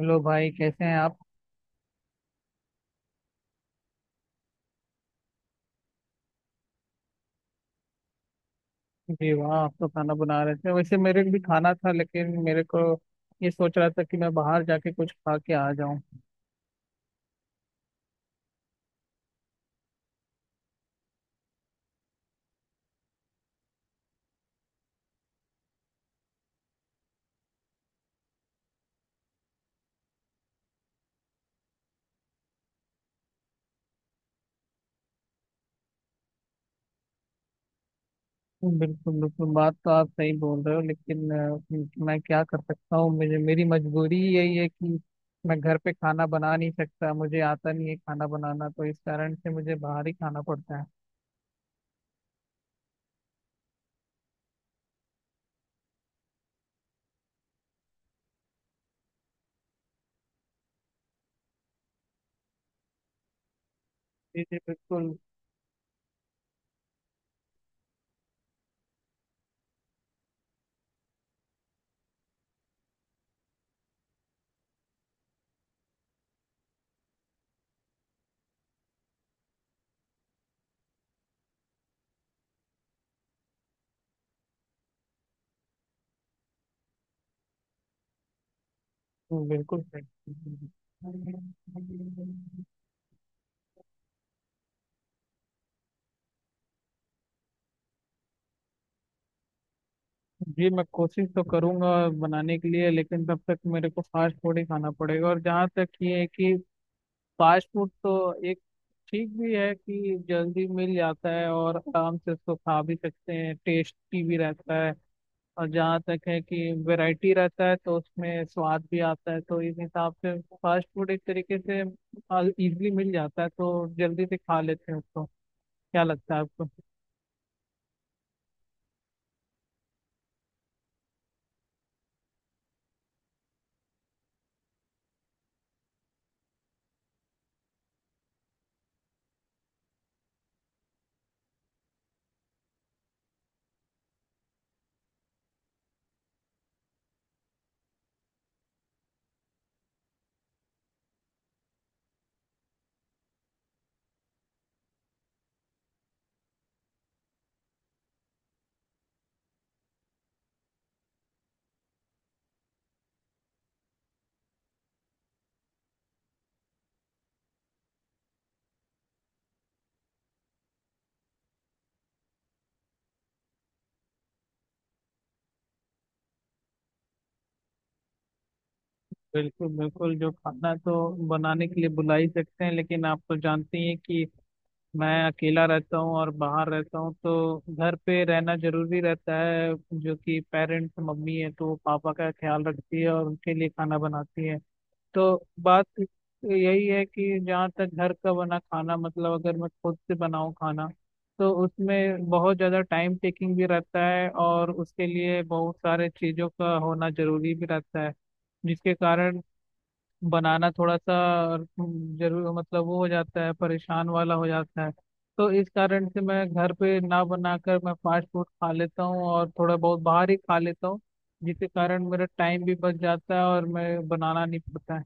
Hello भाई, कैसे हैं आप। जी, वहाँ आप तो खाना बना रहे थे। वैसे मेरे को भी खाना था, लेकिन मेरे को ये सोच रहा था कि मैं बाहर जाके कुछ खा के आ जाऊँ। बिल्कुल बिल्कुल, बात तो आप सही बोल रहे हो, लेकिन मैं क्या कर सकता हूँ, मुझे मेरी मजबूरी यही है कि मैं घर पे खाना बना नहीं सकता, मुझे आता नहीं है खाना बनाना, तो इस कारण से मुझे बाहर ही खाना पड़ता है। जी जी बिल्कुल। बिल्कुल सही। जी मैं कोशिश तो करूंगा बनाने के लिए, लेकिन तब तक मेरे को फास्ट फूड ही खाना पड़ेगा। और जहाँ तक ये है कि फास्ट फूड तो एक ठीक भी है कि जल्दी मिल जाता है और आराम से उसको खा भी सकते हैं, टेस्टी भी रहता है। और जहाँ तक है कि वैरायटी रहता है तो उसमें स्वाद भी आता है, तो इस हिसाब से फास्ट फूड एक तरीके से इजीली मिल जाता है, तो जल्दी से खा लेते हैं उसको। क्या लगता है आपको। बिल्कुल बिल्कुल, जो खाना तो बनाने के लिए बुला ही सकते हैं, लेकिन आप तो जानते ही हैं कि मैं अकेला रहता हूँ और बाहर रहता हूँ, तो घर पे रहना जरूरी रहता है। जो कि पेरेंट्स, मम्मी है तो वो पापा का ख्याल रखती है और उनके लिए खाना बनाती है। तो बात यही है कि जहाँ तक घर का बना खाना, मतलब अगर मैं खुद से बनाऊँ खाना तो उसमें बहुत ज़्यादा टाइम टेकिंग भी रहता है, और उसके लिए बहुत सारे चीज़ों का होना जरूरी भी रहता है, जिसके कारण बनाना थोड़ा सा जरूर मतलब वो हो जाता है, परेशान वाला हो जाता है। तो इस कारण से मैं घर पे ना बनाकर मैं फास्ट फूड खा लेता हूँ, और थोड़ा बहुत बाहर ही खा लेता हूँ, जिसके कारण मेरा टाइम भी बच जाता है और मैं बनाना नहीं पड़ता है।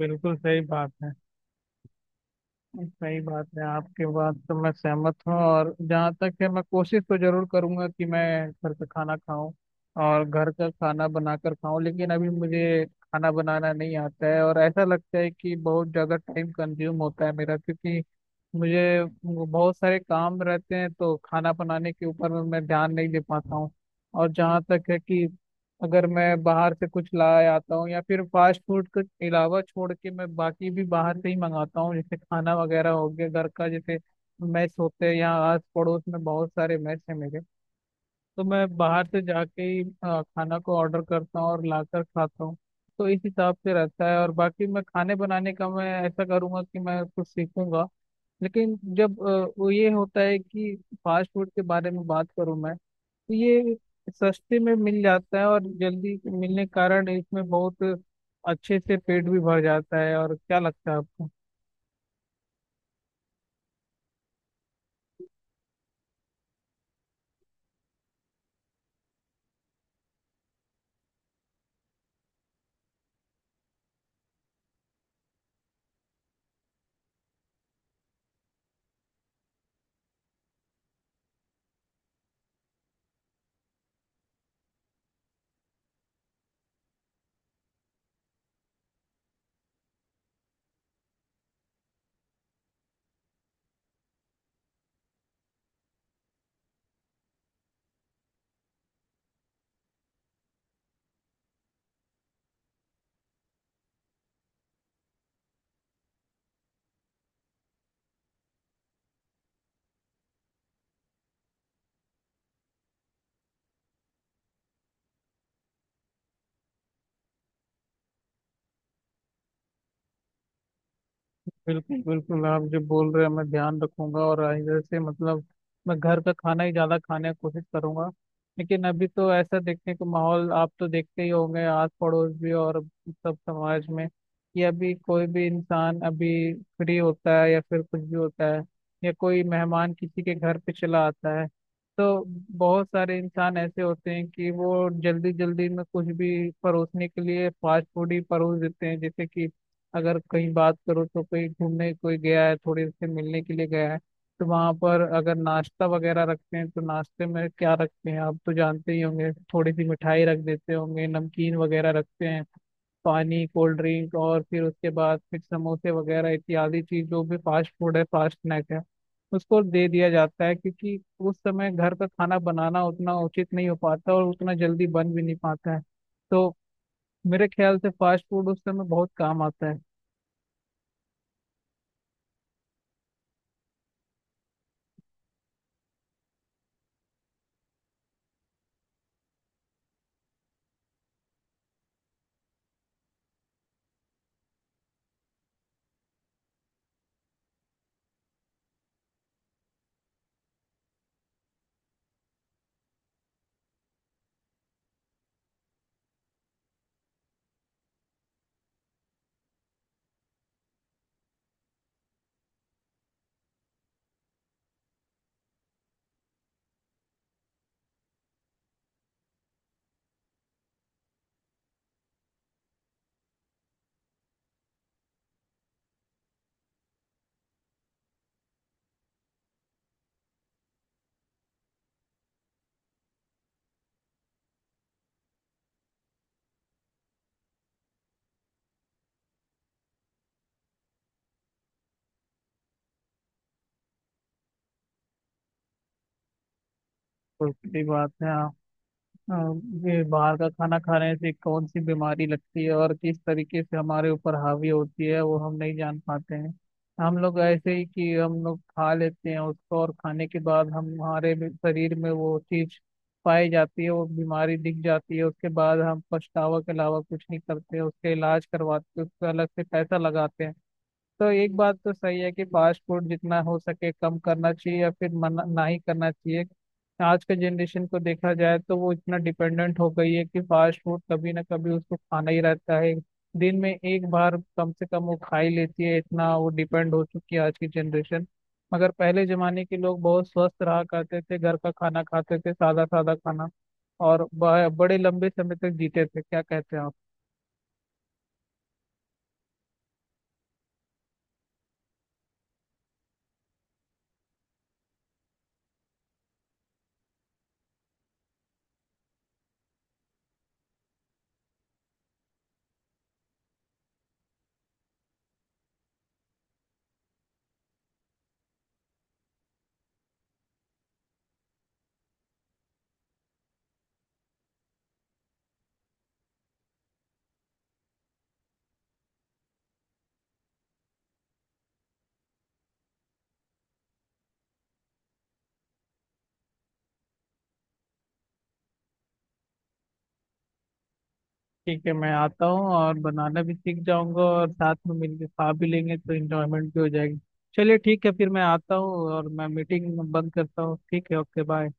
बिल्कुल सही बात है। सही बात है, आपके बात तो मैं सहमत हूँ। और जहाँ तक है, मैं कोशिश तो जरूर करूंगा कि मैं घर का खाना खाऊं और घर का खाना बनाकर खाऊं, लेकिन अभी मुझे खाना बनाना नहीं आता है और ऐसा लगता है कि बहुत ज़्यादा टाइम कंज्यूम होता है मेरा, क्योंकि मुझे वो बहुत सारे काम रहते हैं, तो खाना बनाने के ऊपर में मैं ध्यान नहीं दे पाता हूँ। और जहाँ तक है कि अगर मैं बाहर से कुछ लाए आता हूँ, या फिर फास्ट फूड के अलावा छोड़ के मैं बाकी भी बाहर से ही मंगाता हूँ, जैसे खाना वगैरह हो गया घर का, जैसे मेस होते हैं, यहाँ आस पड़ोस में बहुत सारे मेस हैं मेरे, तो मैं बाहर से जाके ही खाना को ऑर्डर करता हूँ और लाकर खाता हूँ। तो इस हिसाब से रहता है। और बाकी मैं खाने बनाने का मैं ऐसा करूँगा कि मैं कुछ सीखूंगा, लेकिन जब वो ये होता है कि फास्ट फूड के बारे में बात करूँ मैं, तो ये सस्ते में मिल जाता है, और जल्दी मिलने के कारण इसमें बहुत अच्छे से पेट भी भर जाता है। और क्या लगता है आपको। बिल्कुल बिल्कुल, आप जो बोल रहे हैं मैं ध्यान रखूंगा, और इधर से मतलब मैं घर का खाना ही ज्यादा खाने की कोशिश करूंगा। लेकिन अभी तो ऐसा देखने को माहौल आप तो देखते ही होंगे, आस पड़ोस भी और सब समाज में कि अभी कोई भी इंसान अभी फ्री होता है या फिर कुछ भी होता है, या कोई मेहमान किसी के घर पे चला आता है, तो बहुत सारे इंसान ऐसे होते हैं कि वो जल्दी जल्दी में कुछ भी परोसने के लिए फास्ट फूड ही परोस देते हैं। जैसे कि अगर कहीं बात करो, तो कहीं घूमने कोई गया है, थोड़ी से मिलने के लिए गया है, तो वहां पर अगर नाश्ता वगैरह रखते हैं, तो नाश्ते में क्या रखते हैं आप तो जानते ही होंगे, थोड़ी सी मिठाई रख देते होंगे, नमकीन वगैरह रखते हैं, पानी, कोल्ड ड्रिंक, और फिर उसके बाद फिर समोसे वगैरह इत्यादि चीज, जो भी फास्ट फूड है, फास्ट स्नैक है, उसको दे दिया जाता है, क्योंकि उस समय घर का खाना बनाना उतना उचित नहीं हो पाता और उतना जल्दी बन भी नहीं पाता है। तो मेरे ख्याल से फास्ट फूड उस समय बहुत काम आता है। तो सही बात है आप। अ, ये बाहर का खाना खाने से कौन सी बीमारी लगती है और किस तरीके से हमारे ऊपर हावी होती है वो हम नहीं जान पाते हैं। हम लोग ऐसे ही कि हम लोग खा लेते हैं उसको, और खाने के बाद हम हमारे भी शरीर में वो चीज पाई जाती है, वो बीमारी दिख जाती है। उसके बाद हम पछतावा के अलावा कुछ नहीं करते, उसके इलाज करवाते, उसका अलग से पैसा लगाते हैं। तो एक बात तो सही है कि फास्ट फूड जितना हो सके कम करना चाहिए, या फिर मना ना ही करना चाहिए। आज के जनरेशन को देखा जाए, तो वो इतना डिपेंडेंट हो गई है कि फास्ट फूड कभी ना कभी उसको खाना ही रहता है। दिन में एक बार कम से कम वो खा ही लेती है, इतना वो डिपेंड हो चुकी है आज की जनरेशन। मगर पहले जमाने के लोग बहुत स्वस्थ रहा करते थे, घर का खाना खाते थे, सादा सादा खाना, और बड़े लंबे समय तक जीते थे। क्या कहते हैं आप। ठीक है, मैं आता हूँ, और बनाना भी सीख जाऊंगा और साथ में मिलके खा भी लेंगे, तो इंजॉयमेंट भी हो जाएगी। चलिए ठीक है, फिर मैं आता हूँ और मैं मीटिंग बंद करता हूँ। ठीक है, ओके, बाय।